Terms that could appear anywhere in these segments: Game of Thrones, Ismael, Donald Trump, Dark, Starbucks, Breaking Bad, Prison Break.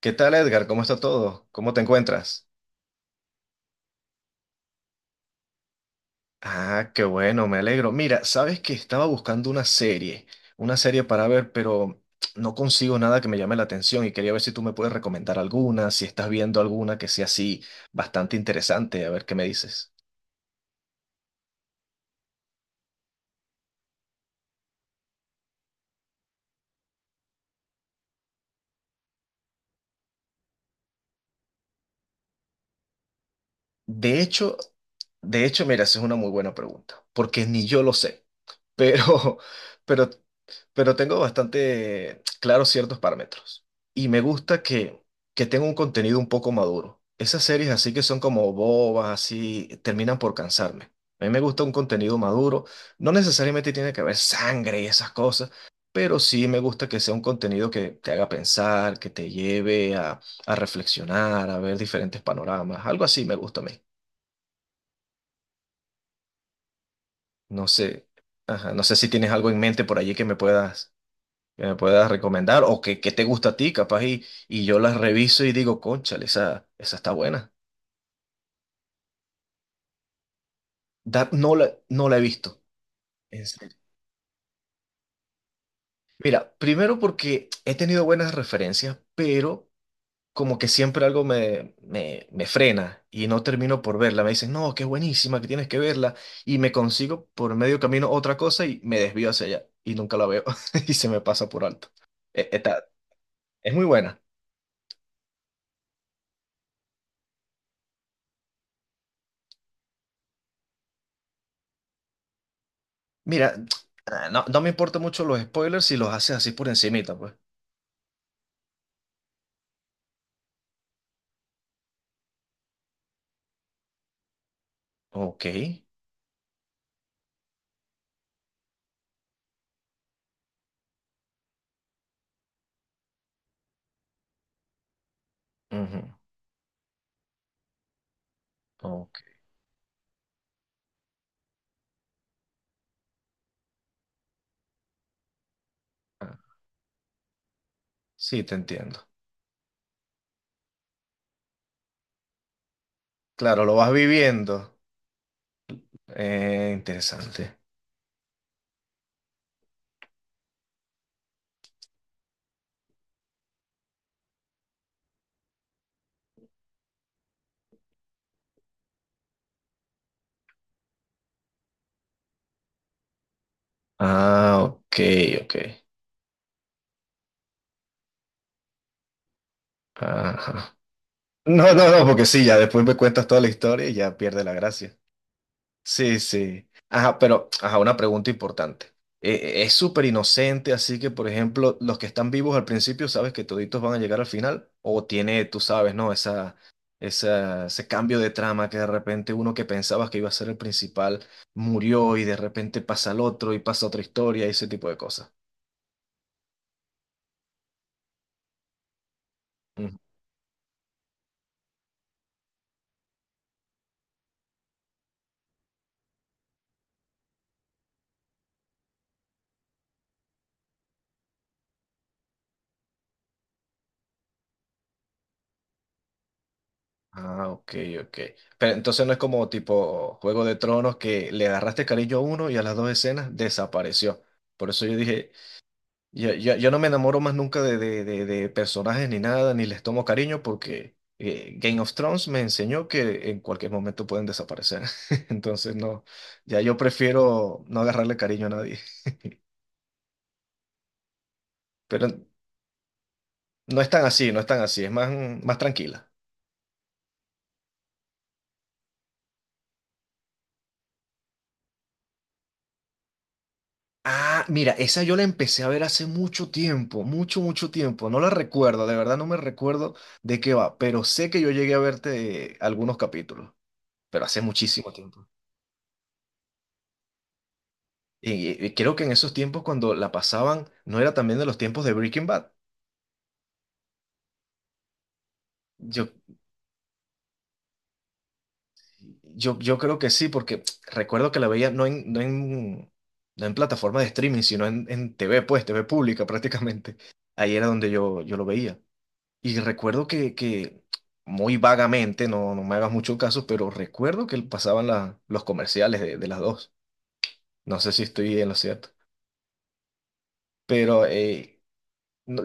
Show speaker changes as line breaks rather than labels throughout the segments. ¿Qué tal, Edgar? ¿Cómo está todo? ¿Cómo te encuentras? Ah, qué bueno, me alegro. Mira, sabes que estaba buscando una serie para ver, pero no consigo nada que me llame la atención y quería ver si tú me puedes recomendar alguna, si estás viendo alguna que sea así bastante interesante, a ver qué me dices. De hecho, de hecho, mira, esa es una muy buena pregunta, porque ni yo lo sé, pero, pero, pero tengo bastante claros ciertos parámetros y me gusta que tenga un contenido un poco maduro. Esas series así que son como bobas, así, terminan por cansarme. A mí me gusta un contenido maduro, no necesariamente tiene que haber sangre y esas cosas, pero sí me gusta que sea un contenido que te haga pensar, que te lleve a reflexionar, a ver diferentes panoramas, algo así me gusta a mí. No sé, ajá, no sé si tienes algo en mente por allí que me puedas recomendar o que te gusta a ti, capaz, y yo las reviso y digo, cónchale, esa está buena. Dark no la he visto. ¿En serio? Mira, primero porque he tenido buenas referencias, pero como que siempre algo me frena y no termino por verla. Me dicen, no, que es buenísima, que tienes que verla. Y me consigo por medio camino otra cosa y me desvío hacia allá y nunca la veo y se me pasa por alto. Está, es muy buena. Mira, ah, no, no me importan mucho los spoilers si los haces así por encimita, pues. Ok. Ujú, ok, ah, sí, te entiendo. Claro, lo vas viviendo. Interesante. Ah, ok, ok. Ajá. No, no, no, porque sí, ya después me cuentas toda la historia y ya pierde la gracia. Sí, sí. Ajá, pero, ajá, una pregunta importante. Es súper inocente, así que, por ejemplo, los que están vivos al principio, ¿sabes que toditos van a llegar al final? O tiene, tú sabes, ¿no? Esa, ese cambio de trama que de repente uno que pensabas que iba a ser el principal murió y de repente pasa al otro y pasa otra historia y ese tipo de cosas. Ah, ok, ok. Pero entonces no es como tipo Juego de Tronos que le agarraste cariño a uno y a las dos escenas desapareció. Por eso yo dije, yo no me enamoro más nunca de personajes ni nada, ni les tomo cariño porque Game of Thrones me enseñó que en cualquier momento pueden desaparecer. Entonces no, ya yo prefiero no agarrarle cariño a nadie. Pero no es tan así, no es tan así, es más, más tranquila. Ah, mira, esa yo la empecé a ver hace mucho tiempo, mucho, mucho tiempo. No la recuerdo, de verdad no me recuerdo de qué va, pero sé que yo llegué a verte algunos capítulos, pero hace muchísimo tiempo. Y, creo que en esos tiempos cuando la pasaban, no era también de los tiempos de Breaking Bad. Yo, yo creo que sí, porque recuerdo que la veía no en plataforma de streaming, sino en TV, pues, TV pública prácticamente. Ahí era donde yo lo veía. Y recuerdo que muy vagamente, no, no me hagas mucho caso, pero recuerdo que pasaban los comerciales de las dos. No sé si estoy en lo cierto. Pero no-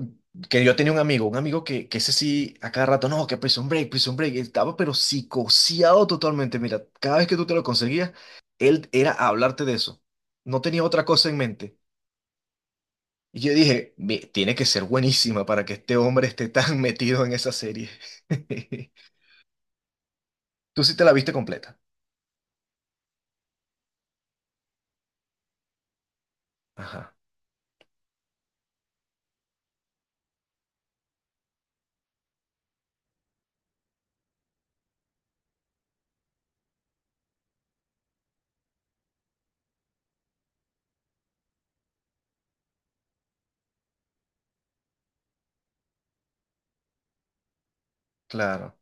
que yo tenía un amigo que ese sí, a cada rato, no, que Prison Break, Prison Break, estaba pero psicoseado totalmente. Mira, cada vez que tú te lo conseguías, él era hablarte de eso. No tenía otra cosa en mente. Y yo dije: "Ve, tiene que ser buenísima para que este hombre esté tan metido en esa serie". Tú sí te la viste completa. Ajá, claro,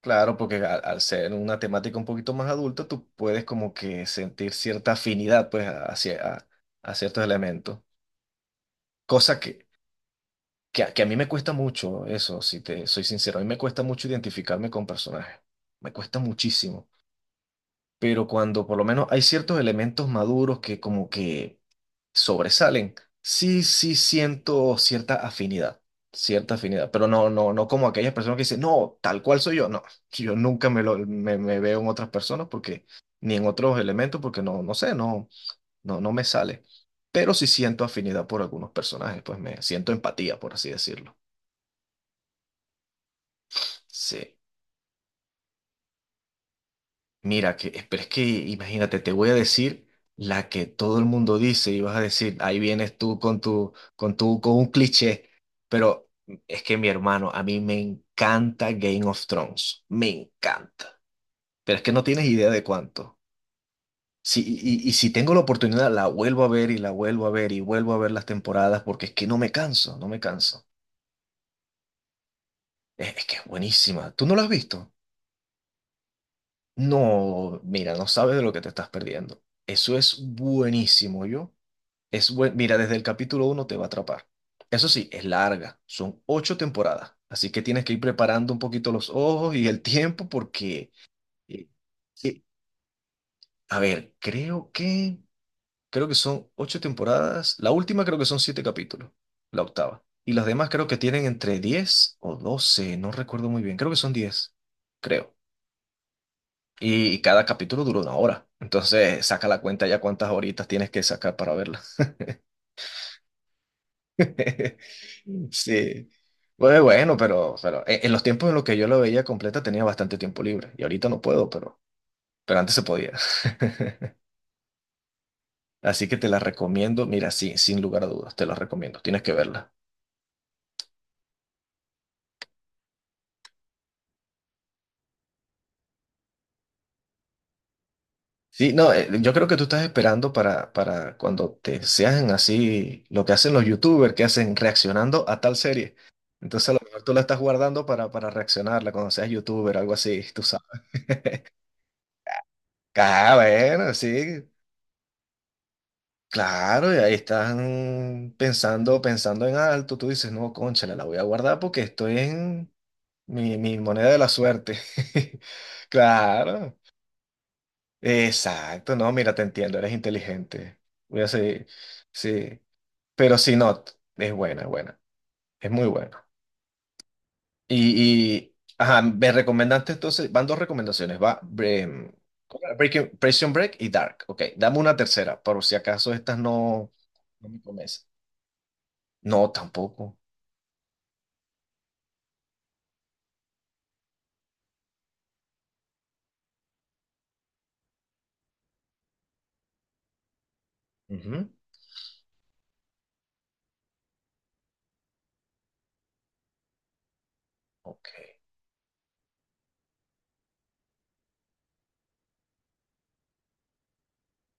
claro, porque al ser una temática un poquito más adulta, tú puedes como que sentir cierta afinidad pues hacia a ciertos elementos. Cosa que, que a mí me cuesta mucho, eso, si te soy sincero, a mí me cuesta mucho identificarme con personajes. Me cuesta muchísimo. Pero cuando por lo menos hay ciertos elementos maduros que como que sobresalen, sí, sí siento cierta afinidad, pero no, no, no como aquellas personas que dicen, no, tal cual soy yo, no, yo nunca me veo en otras personas porque, ni en otros elementos porque no, no sé, no, no me sale, pero sí siento afinidad por algunos personajes, pues me siento empatía, por así decirlo. Sí. Mira, que, pero es que imagínate, te voy a decir la que todo el mundo dice y vas a decir, ahí vienes tú con tu, con un cliché, pero es que mi hermano, a mí me encanta Game of Thrones, me encanta, pero es que no tienes idea de cuánto. Sí y si tengo la oportunidad, la vuelvo a ver y la vuelvo a ver y vuelvo a ver las temporadas porque es que no me canso, no me canso. Es que es buenísima. ¿Tú no la has visto? No, mira, no sabes de lo que te estás perdiendo. Eso es buenísimo, yo. Es buen, mira, desde el capítulo uno te va a atrapar. Eso sí, es larga, son ocho temporadas, así que tienes que ir preparando un poquito los ojos y el tiempo porque, eh, eh, a ver, creo que son ocho temporadas, la última creo que son siete capítulos, la octava, y las demás creo que tienen entre 10 o 12, no recuerdo muy bien, creo que son 10, creo. Y cada capítulo dura una hora, entonces saca la cuenta ya cuántas horitas tienes que sacar para verla. Sí. Bueno, bueno, pero en los tiempos en los que yo la veía completa tenía bastante tiempo libre y ahorita no puedo, pero antes se podía. Así que te la recomiendo, mira, sí, sin lugar a dudas, te la recomiendo, tienes que verla. Sí, no, yo creo que tú estás esperando para cuando te sean así lo que hacen los youtubers, que hacen reaccionando a tal serie. Entonces a lo mejor tú la estás guardando para reaccionarla cuando seas youtuber, algo así, tú sabes. Ah, bueno, sí. Claro, y ahí están pensando, pensando en alto. Tú dices, no, cónchale, la voy a guardar porque estoy en mi moneda de la suerte. Claro, exacto. No, mira, te entiendo, eres inteligente. Voy a seguir, sí. Pero si no, es buena, es buena. Es muy buena. Y, ajá, me recomendaste entonces, van dos recomendaciones, va em, ¿cómo era? Breaking, Prison Break y Dark. Ok, dame una tercera, por si acaso estas no, no me convencen. No, tampoco. Ujú, ok.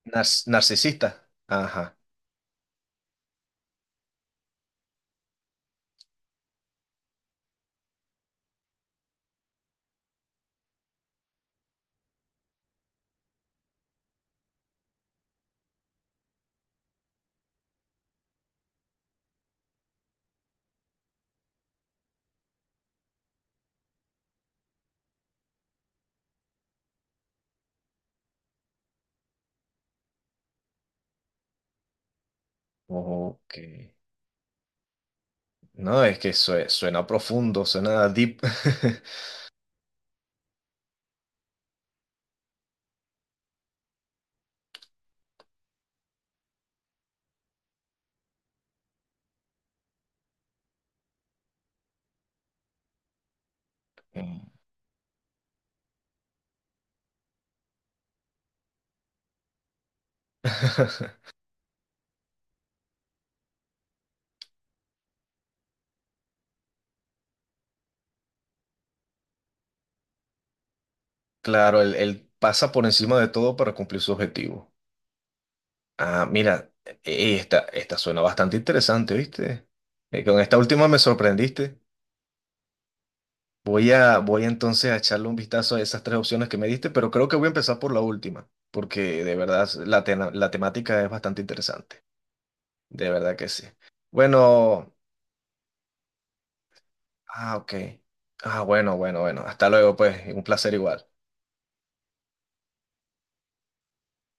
Nar- narcisista. Ajá. Ok. No, es que sue- suena profundo, suena deep. Mm. Claro, él pasa por encima de todo para cumplir su objetivo. Ah, mira, esta, esta suena bastante interesante, ¿viste? Con esta última me sorprendiste. Voy a, voy entonces a echarle un vistazo a esas tres opciones que me diste, pero creo que voy a empezar por la última, porque de verdad la temática es bastante interesante. De verdad que sí. Bueno, ah, ok. Ah, bueno, bueno, bueno. Hasta luego, pues. Un placer igual.